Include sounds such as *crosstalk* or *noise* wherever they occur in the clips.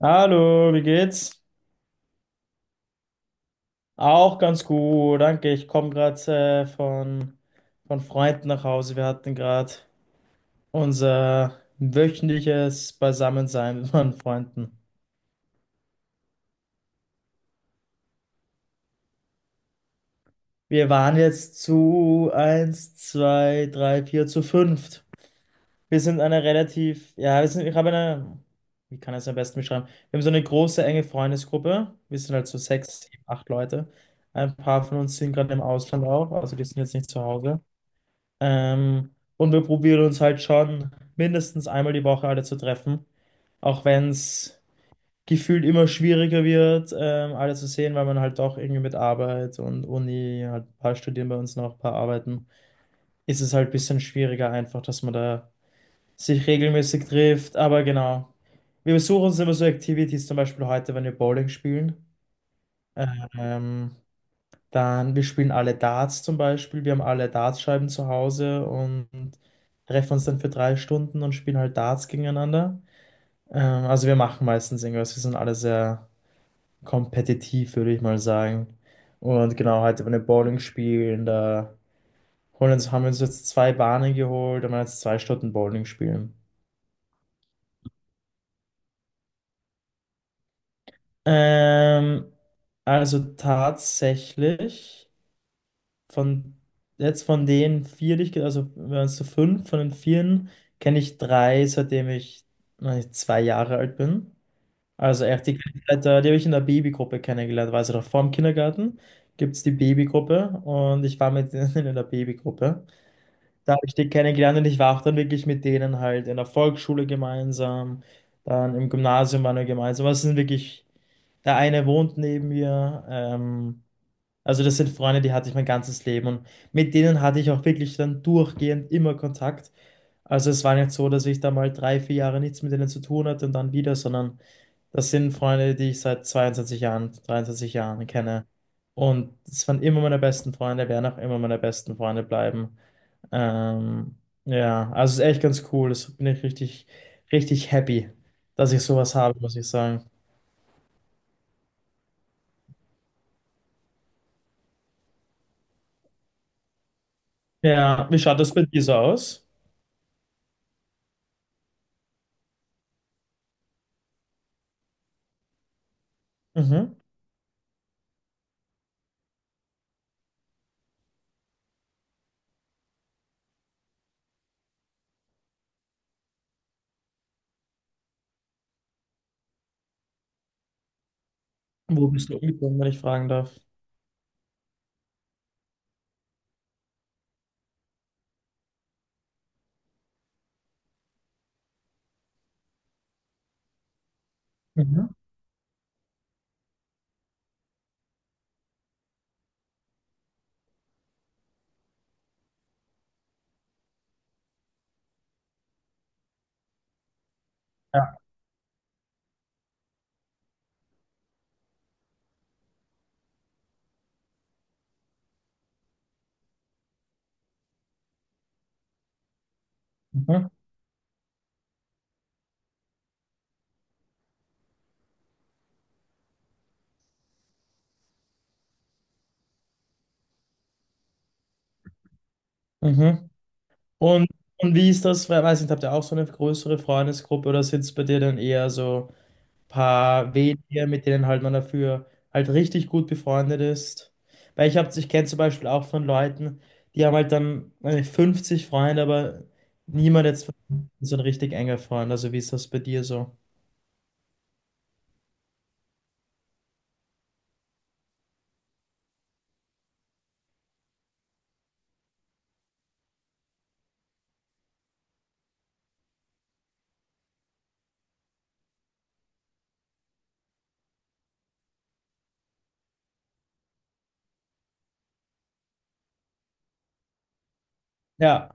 Hallo, wie geht's? Auch ganz gut, danke. Ich komme gerade äh, von, von Freunden nach Hause. Wir hatten gerade unser wöchentliches Beisammensein mit meinen Freunden. Wir waren jetzt zu eins, zwei, drei, vier, zu fünft. Wir sind eine relativ, ja, wir sind, ich habe eine, wie kann ich es am besten beschreiben? Wir haben so eine große, enge Freundesgruppe. Wir sind halt so sechs, sieben, acht Leute. Ein paar von uns sind gerade im Ausland auch, also die sind jetzt nicht zu Hause. Und wir probieren uns halt schon mindestens einmal die Woche alle zu treffen, auch wenn es gefühlt immer schwieriger wird, alle zu sehen, weil man halt doch irgendwie mit Arbeit und Uni, halt ein paar studieren bei uns noch, ein paar arbeiten, ist es halt ein bisschen schwieriger einfach, dass man da sich regelmäßig trifft. Aber genau, wir besuchen uns immer so Activities, zum Beispiel heute, wenn wir Bowling spielen. Ähm, wir spielen alle Darts zum Beispiel. Wir haben alle Dartscheiben zu Hause und treffen uns dann für 3 Stunden und spielen halt Darts gegeneinander. Also wir machen meistens irgendwas. Wir sind alle sehr kompetitiv, würde ich mal sagen. Und genau, heute wollen wir Bowling spielen. Da holen uns, haben wir uns jetzt zwei Bahnen geholt und wollen jetzt 2 Stunden Bowling spielen. Ähm, also tatsächlich. Von jetzt von den vier, die ich, also wir waren zu fünf, von den vieren kenne ich drei, seitdem ich, weiß nicht, 2 Jahre alt bin. Also echt, die, kenn ich seit die habe ich in der Babygruppe kennengelernt, also noch vor dem Kindergarten gibt es die Babygruppe und ich war mit *laughs* denen in der Babygruppe. Da habe ich die kennengelernt und ich war auch dann wirklich mit denen halt in der Volksschule gemeinsam, dann im Gymnasium waren wir gemeinsam. Also es sind wirklich, der eine wohnt neben mir, also das sind Freunde, die hatte ich mein ganzes Leben und mit denen hatte ich auch wirklich dann durchgehend immer Kontakt. Also es war nicht so, dass ich da mal drei, vier Jahre nichts mit denen zu tun hatte und dann wieder, sondern das sind Freunde, die ich seit 22 Jahren, 23 Jahren kenne. Und es waren immer meine besten Freunde, werden auch immer meine besten Freunde bleiben. Ähm, ja, also es ist echt ganz cool. Das bin ich richtig, richtig happy, dass ich sowas habe, muss ich sagen. Ja, wie schaut das bei dir so aus? Mhm. Wo bist du umgezogen, wenn ich fragen darf? Mhm. Ja. Mhm. Mhm. Und, und wie ist das? Weiß nicht, habt ihr auch so eine größere Freundesgruppe oder sitzt bei dir dann eher so ein paar wenige, mit denen halt man dafür halt richtig gut befreundet ist? Weil ich hab, ich kenne zum Beispiel auch von Leuten, die haben halt dann weiß nicht, 50 Freunde, aber niemand jetzt von denen ist so ein richtig enger Freund. Also wie ist das bei dir so? Ja.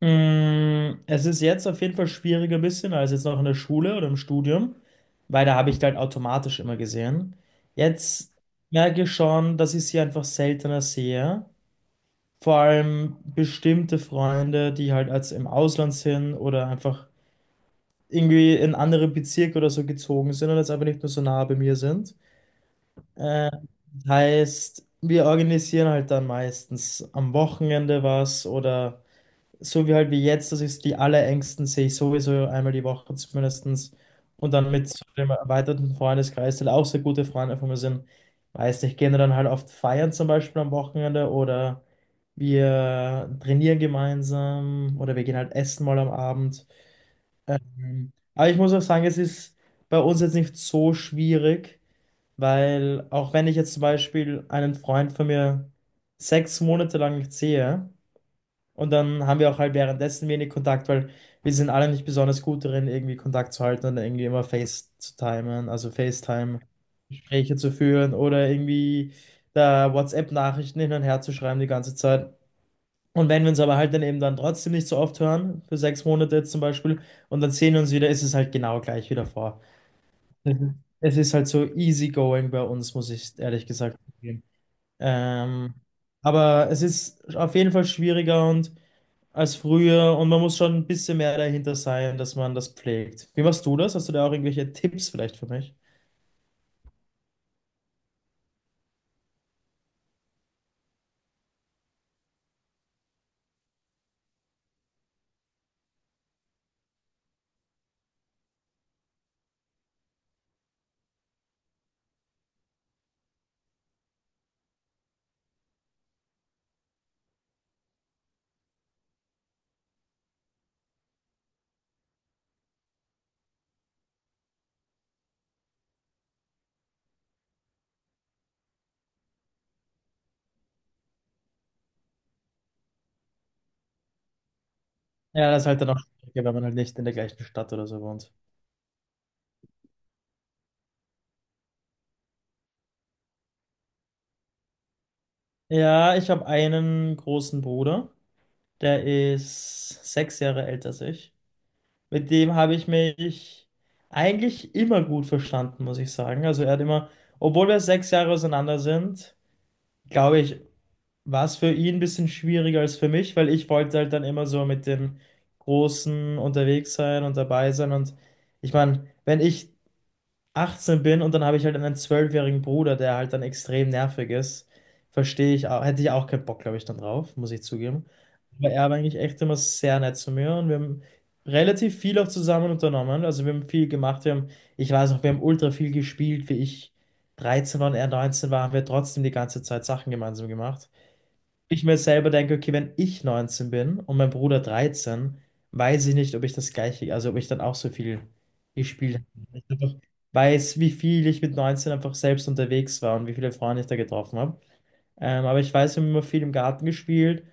Es ist jetzt auf jeden Fall schwieriger ein bisschen als jetzt noch in der Schule oder im Studium, weil da habe ich halt automatisch immer gesehen. Jetzt merke ich schon, dass ich sie einfach seltener sehe. Vor allem bestimmte Freunde, die halt als im Ausland sind oder einfach irgendwie in andere Bezirke oder so gezogen sind und jetzt einfach nicht mehr so nah bei mir sind. Äh, heißt, wir organisieren halt dann meistens am Wochenende was oder so wie halt wie jetzt, das ist die allerängsten, sehe ich sowieso einmal die Woche zumindestens. Und dann mit so dem erweiterten Freundeskreis, der auch sehr gute Freunde von mir sind. Weiß nicht, gehen wir dann halt oft feiern zum Beispiel am Wochenende oder wir trainieren gemeinsam oder wir gehen halt essen mal am Abend. Mhm. Aber ich muss auch sagen, es ist bei uns jetzt nicht so schwierig, weil auch wenn ich jetzt zum Beispiel einen Freund von mir 6 Monate lang nicht sehe, und dann haben wir auch halt währenddessen wenig Kontakt, weil wir sind alle nicht besonders gut darin, irgendwie Kontakt zu halten und irgendwie immer Face zu timen, also FaceTime-Gespräche zu führen oder irgendwie da WhatsApp-Nachrichten hin und her zu schreiben die ganze Zeit. Und wenn wir uns aber halt dann eben dann trotzdem nicht so oft hören, für 6 Monate jetzt zum Beispiel, und dann sehen wir uns wieder, ist es halt genau gleich wieder vor. Es ist es ist halt so easygoing bei uns, muss ich ehrlich gesagt zugeben. Ähm, aber es ist auf jeden Fall schwieriger und als früher und man muss schon ein bisschen mehr dahinter sein, dass man das pflegt. Wie machst du das? Hast du da auch irgendwelche Tipps vielleicht für mich? Ja, das ist halt dann auch schwieriger, wenn man halt nicht in der gleichen Stadt oder so wohnt. Ja, ich habe einen großen Bruder, der ist 6 Jahre älter als ich. Mit dem habe ich mich eigentlich immer gut verstanden, muss ich sagen. Also er hat immer, obwohl wir 6 Jahre auseinander sind, glaube ich, war es für ihn ein bisschen schwieriger als für mich, weil ich wollte halt dann immer so mit dem Großen unterwegs sein und dabei sein. Und ich meine, wenn ich 18 bin und dann habe ich halt einen zwölfjährigen Bruder, der halt dann extrem nervig ist, verstehe ich auch, hätte ich auch keinen Bock, glaube ich, dann drauf, muss ich zugeben. Aber er war eigentlich echt immer sehr nett zu mir und wir haben relativ viel auch zusammen unternommen. Also wir haben viel gemacht, wir haben, ich weiß noch, wir haben ultra viel gespielt, wie ich 13 war und er 19 war, haben wir trotzdem die ganze Zeit Sachen gemeinsam gemacht ich mir selber denke, okay, wenn ich 19 bin und mein Bruder 13, weiß ich nicht, ob ich das gleiche, also ob ich dann auch so viel gespielt habe. Ich einfach weiß, wie viel ich mit 19 einfach selbst unterwegs war und wie viele Freunde ich da getroffen habe. Aber ich weiß, wir haben immer viel im Garten gespielt.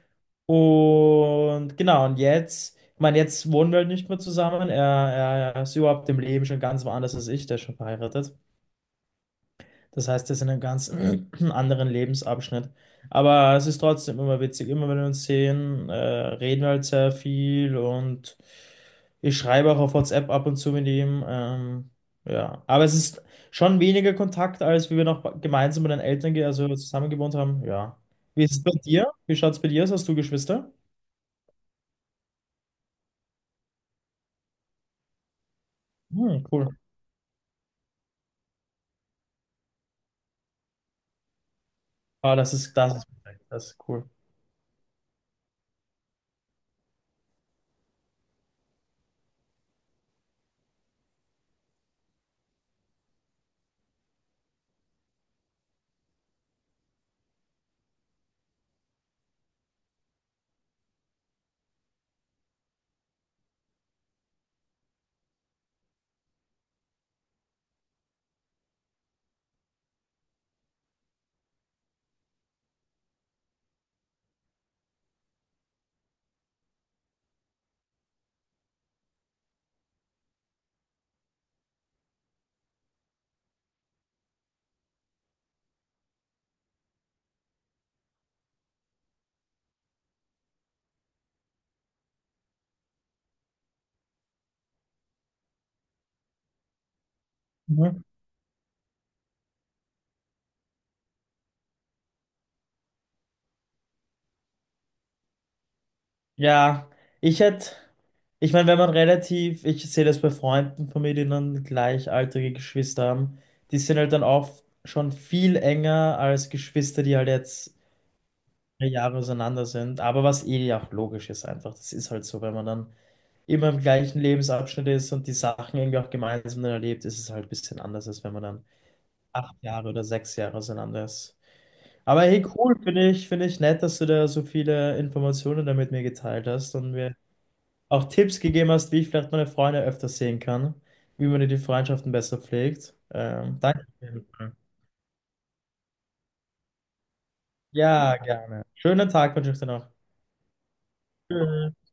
Und genau, und jetzt, ich meine, jetzt wohnen wir halt nicht mehr zusammen. Er ist überhaupt im Leben schon ganz woanders als ich, der ist schon verheiratet. Das heißt, das ist in einem ganz *clears throat* anderen Lebensabschnitt. Aber es ist trotzdem immer witzig. Immer wenn wir uns sehen, reden wir halt sehr viel und ich schreibe auch auf WhatsApp ab und zu mit ihm. Ja, aber es ist schon weniger Kontakt, als wie wir noch gemeinsam mit den Eltern, also zusammen gewohnt haben. Ja. Wie ist es bei dir? Wie schaut es bei dir aus? Hast du Geschwister? Hm, cool. Ah, das ist, perfekt. Das ist cool. Mhm. Ja, ich hätte, ich meine, wenn man relativ, ich sehe das bei Freunden von mir, die dann gleichaltrige Geschwister haben, die sind halt dann auch schon viel enger als Geschwister, die halt jetzt 3 Jahre auseinander sind. Aber was eh auch logisch ist einfach, das ist halt so, wenn man dann immer im gleichen Lebensabschnitt ist und die Sachen irgendwie auch gemeinsam dann erlebt, ist es halt ein bisschen anders, als wenn man dann 8 Jahre oder 6 Jahre auseinander ist. Aber hey, cool, finde ich nett, dass du da so viele Informationen da mit mir geteilt hast und wir auch Tipps gegeben hast, wie ich vielleicht meine Freunde öfters sehen kann, wie man die Freundschaften besser pflegt. Danke auf jeden Fall. Ja, gerne. Schönen Tag wünsche ich dir noch. Tschüss.